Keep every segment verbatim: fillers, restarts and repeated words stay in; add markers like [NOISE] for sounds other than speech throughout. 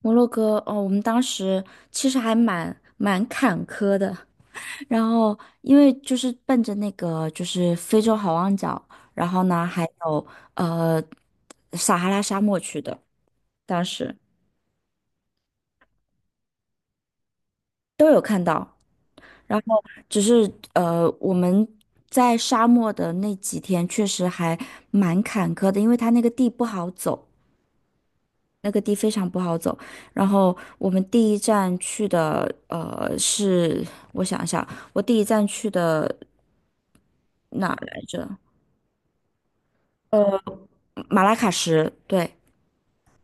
摩洛哥哦，我们当时其实还蛮蛮坎坷的，[LAUGHS] 然后因为就是奔着那个就是非洲好望角，然后呢还有呃撒哈拉沙漠去的，当时都有看到，然后只是呃我们在沙漠的那几天确实还蛮坎坷的，因为它那个地不好走，那个地非常不好走，然后我们第一站去的，呃，是我想一下，我第一站去的哪儿来着？马拉喀什，对，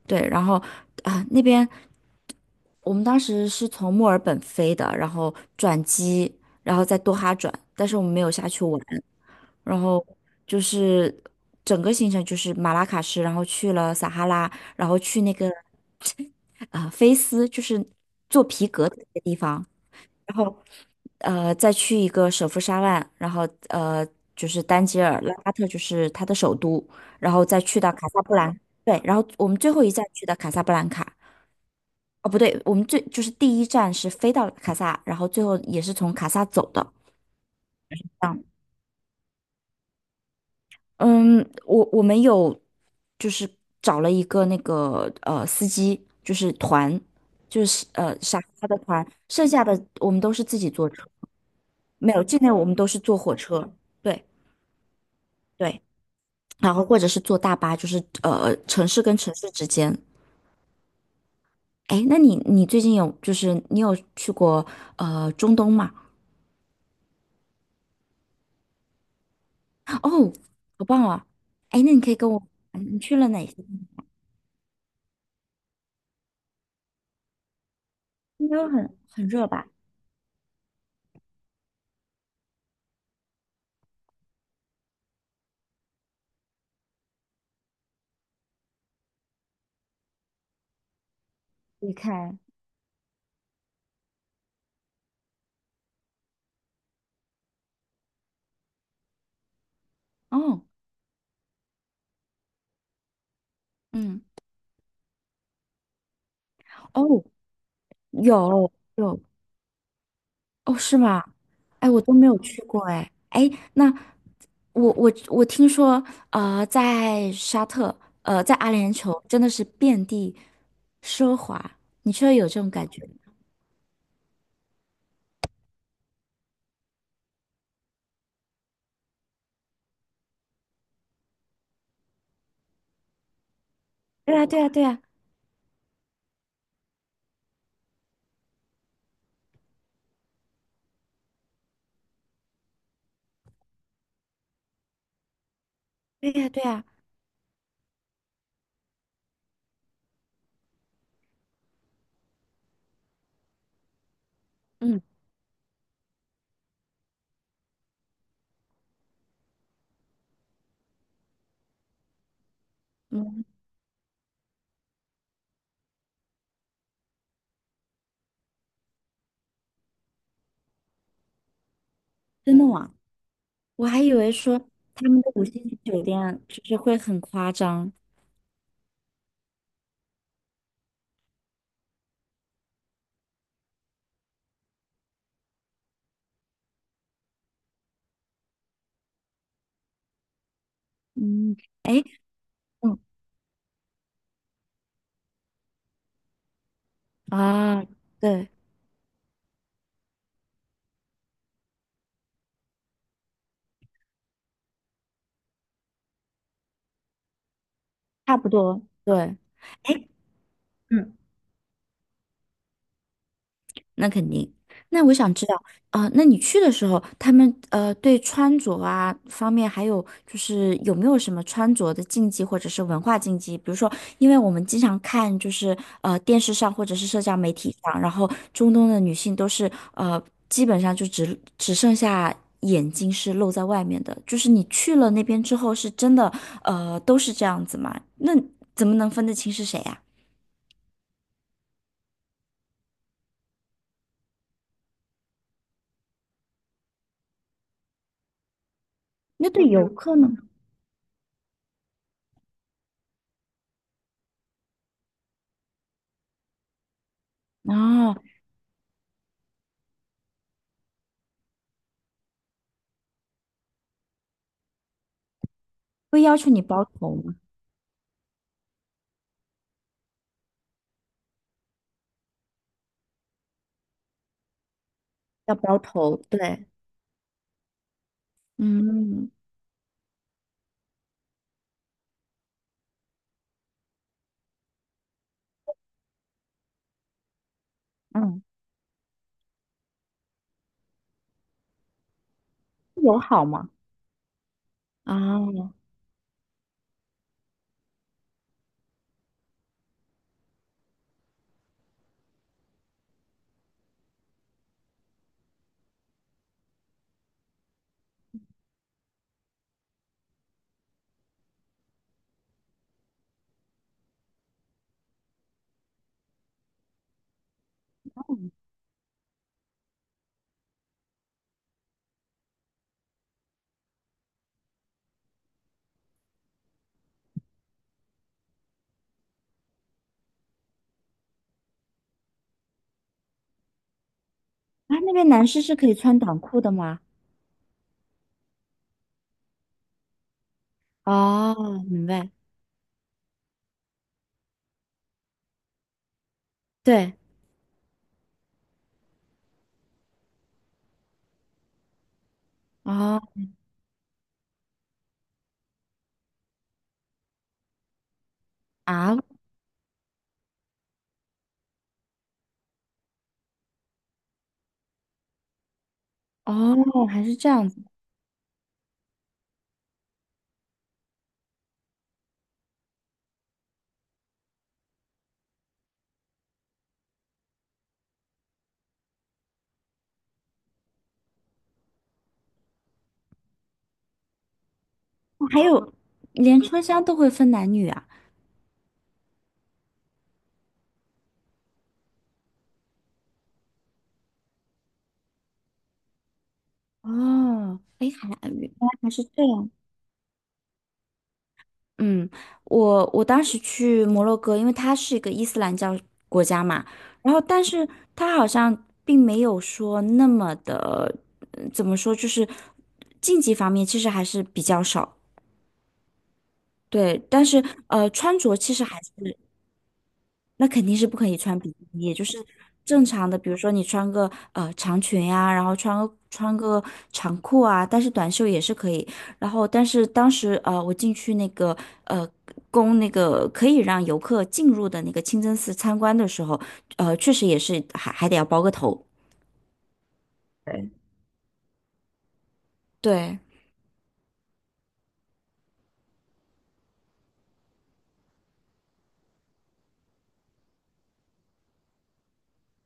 对，然后啊、那边我们当时是从墨尔本飞的，然后转机，然后在多哈转，但是我们没有下去玩，然后就是整个行程就是马拉喀什，然后去了撒哈拉，然后去那个 [LAUGHS] 啊、呃菲斯，就是做皮革的那个地方。然后呃再去一个首府沙万，然后呃就是丹吉尔，拉法特就是它的首都，然后再去到卡萨布兰，对，然后我们最后一站去的卡萨布兰卡，哦不对，我们最就是第一站是飞到卡萨，然后最后也是从卡萨走的。这样嗯，我我们有就是找了一个那个呃司机，就是团，就是呃沙他的团，剩下的我们都是自己坐车，没有，境内我们都是坐火车。对对，然后或者是坐大巴，就是呃城市跟城市之间。哎，那你你最近有就是你有去过呃中东吗？哦，好棒啊！哎，那你可以跟我，嗯你去了哪些？应该会很很热吧？离开哦，嗯，哦，有有哦，是吗？哎，我都没有去过哎哎，那我我我听说呃，在沙特呃，在阿联酋真的是遍地奢华，你确实有这种感觉？对啊，对啊，对啊，对啊，对啊，嗯嗯，真的吗？我还以为说他们的五星级酒店啊就是会很夸张，嗯，哎，嗯啊，对，差不多，对，哎，嗯，那肯定。那我想知道，啊，那你去的时候，他们呃对穿着啊方面，还有就是有没有什么穿着的禁忌或者是文化禁忌？比如说，因为我们经常看就是呃电视上或者是社交媒体上，然后中东的女性都是呃基本上就只只剩下眼睛是露在外面的。就是你去了那边之后，是真的呃都是这样子吗？那怎么能分得清是谁呀、那对游嗯客呢？哦，会要求你包头吗？要包头，对，嗯嗯，友好嘛。啊啊，那边男士是可以穿短裤的吗？哦，明白，对哦啊哦，还是这样子哦还有，连车厢都会分男女啊？哦，哎，还原来还是这样。嗯，我我当时去摩洛哥，因为它是一个伊斯兰教国家嘛，然后但是它好像并没有说那么的，呃怎么说，就是竞技方面其实还是比较少，对，但是呃，穿着其实还是那肯定是不可以穿比基尼，也就是正常的，比如说你穿个呃长裙呀、然后穿个穿个长裤啊，但是短袖也是可以。然后，但是当时呃，我进去那个呃供那个可以让游客进入的那个清真寺参观的时候，呃，确实也是还还得要包个头。对。对。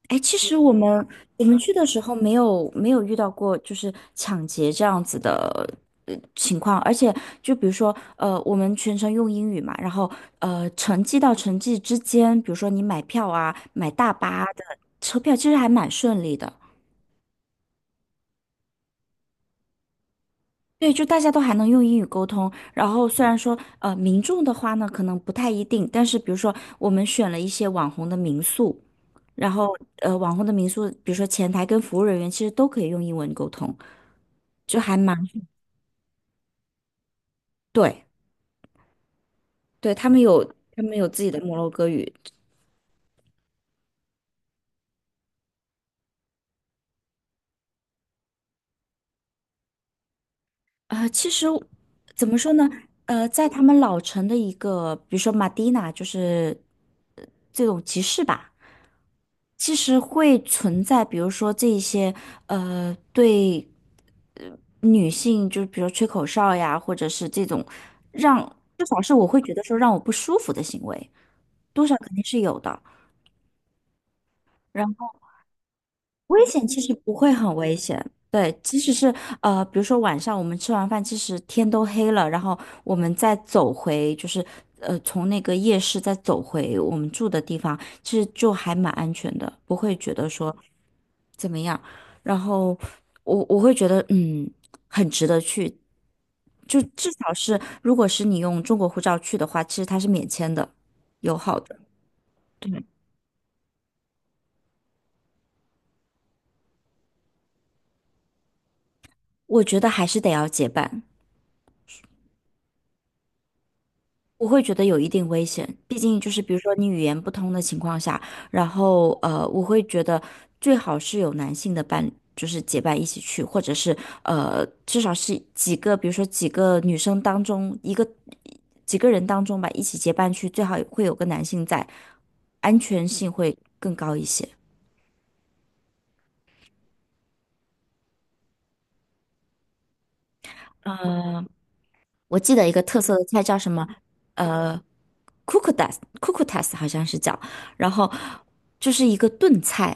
哎，其实我们我们去的时候没有没有遇到过就是抢劫这样子的呃情况，而且就比如说呃，我们全程用英语嘛，然后呃，城际到城际之间，比如说你买票啊，买大巴啊的车票，其实还蛮顺利的。对，就大家都还能用英语沟通，然后虽然说，呃，民众的话呢，可能不太一定，但是比如说我们选了一些网红的民宿，然后呃，网红的民宿，比如说前台跟服务人员其实都可以用英文沟通。就还蛮对对，他们有他们有自己的摩洛哥语。呃，其实怎么说呢？呃，在他们老城的一个，比如说马蒂娜，就是呃这种集市吧，其实会存在，比如说这一些呃对呃女性，就是比如吹口哨呀，或者是这种让至少是我会觉得说让我不舒服的行为，多少肯定是有的。然危险其实不会很危险，对，即使是呃，比如说晚上我们吃完饭，其实天都黑了，然后我们再走回，就是呃，从那个夜市再走回我们住的地方，其实就还蛮安全的，不会觉得说怎么样。然后我我会觉得嗯，很值得去，就至少是如果是你用中国护照去的话，其实它是免签的，友好的。对，我觉得还是得要结伴。我会觉得有一定危险，毕竟就是比如说你语言不通的情况下，然后呃，我会觉得最好是有男性的伴，就是结伴一起去，或者是呃，至少是几个，比如说几个女生当中一个几个人当中吧，一起结伴去，最好会有个男性在，安全性会更高一些。呃，我记得一个特色的菜叫什么？呃，cucutas，cucutas 好像是叫，然后就是一个炖菜。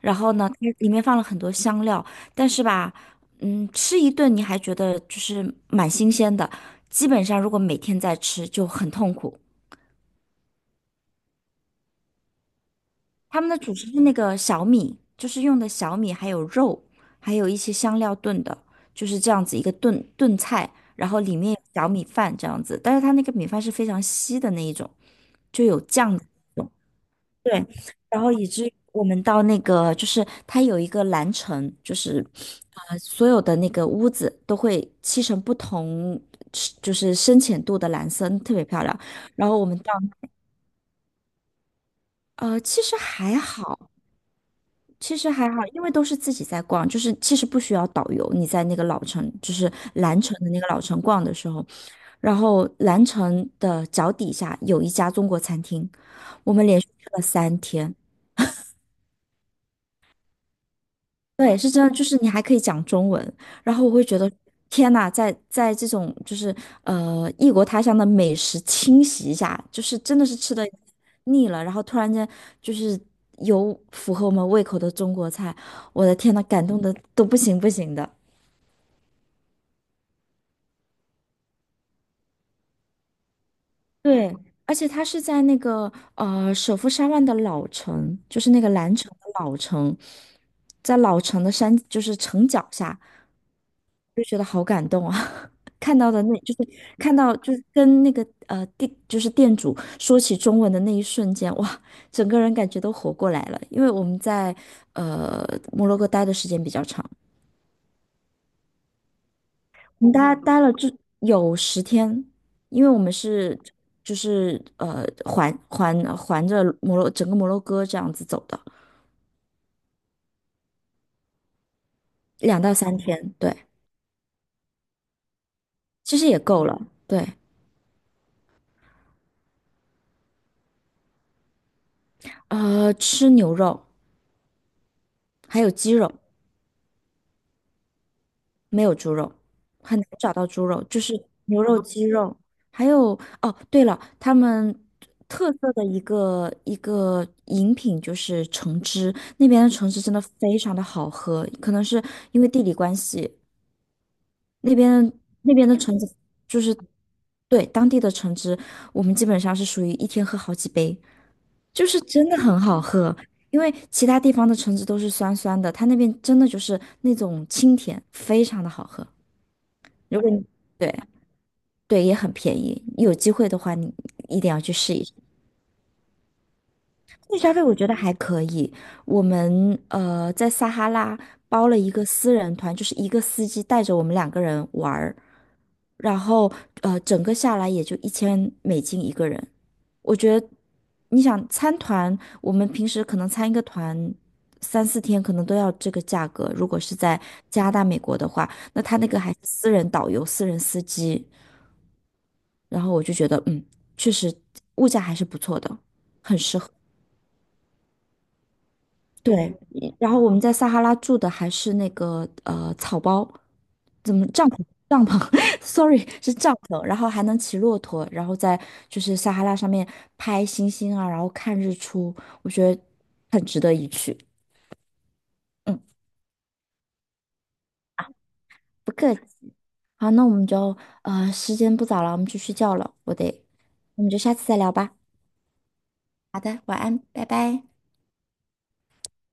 然后呢，它里面放了很多香料，但是吧，嗯，吃一顿你还觉得就是蛮新鲜的，基本上如果每天在吃就很痛苦。他们的主食是那个小米，就是用的小米，还有肉，还有一些香料炖的，就是这样子一个炖炖菜，然后里面有小米饭这样子，但是它那个米饭是非常稀的那一种，就有酱的那种。对，然后以至于我们到那个，就是它有一个蓝城，就是呃，所有的那个屋子都会漆成不同，就是深浅度的蓝色，特别漂亮。然后我们到，呃，其实还好，其实还好，因为都是自己在逛，就是其实不需要导游。你在那个老城，就是蓝城的那个老城逛的时候，然后蓝城的脚底下有一家中国餐厅，我们连续去了三天。对，是真的，就是你还可以讲中文，然后我会觉得，天呐，在在这种就是呃异国他乡的美食侵袭下，就是真的是吃的腻了，然后突然间就是有符合我们胃口的中国菜，我的天呐，感动的都不行不行的。对，而且他是在那个呃首富山万的老城，就是那个蓝城的老城，在老城的山就是城脚下，就觉得好感动啊。看到的那，就是看到就是跟那个呃店就是店主说起中文的那一瞬间，哇，整个人感觉都活过来了。因为我们在呃摩洛哥待的时间比较长，我们待待了就有十天，因为我们是就是呃环环环着摩洛整个摩洛哥这样子走的，两到三天，对，其实也够了，对，呃，吃牛肉还有鸡肉。没有猪肉，很难找到猪肉，就是牛肉、鸡肉，还有哦，对了，他们特色的一个一个饮品就是橙汁，那边的橙汁真的非常的好喝，可能是因为地理关系，那边那边的橙子就是对当地的橙汁，我们基本上是属于一天喝好几杯，就是真的很好喝。因为其他地方的橙汁都是酸酸的，它那边真的就是那种清甜，非常的好喝。如果你对对也很便宜，有机会的话你一定要去试一试。那消费我觉得还可以，我们呃在撒哈拉包了一个私人团，就是一个司机带着我们两个人玩儿，然后呃整个下来也就一千美金一个人。我觉得你想参团，我们平时可能参一个团。三四天可能都要这个价格，如果是在加拿大、美国的话，那他那个还是私人导游、私人司机。然后我就觉得，嗯，确实物价还是不错的。对，嗯然后我们在撒哈拉住的还是那个呃草包，怎么帐篷？帐篷 [LAUGHS]，sorry，是帐篷，然后还能骑骆驼，然后在就是撒哈拉上面拍星星啊，然后看日出，我觉得很值得一去。嗯，不客气。好，那我们就呃时间不早了，我们去睡觉了，我得，我们就下次再聊吧。好的，晚安，拜拜。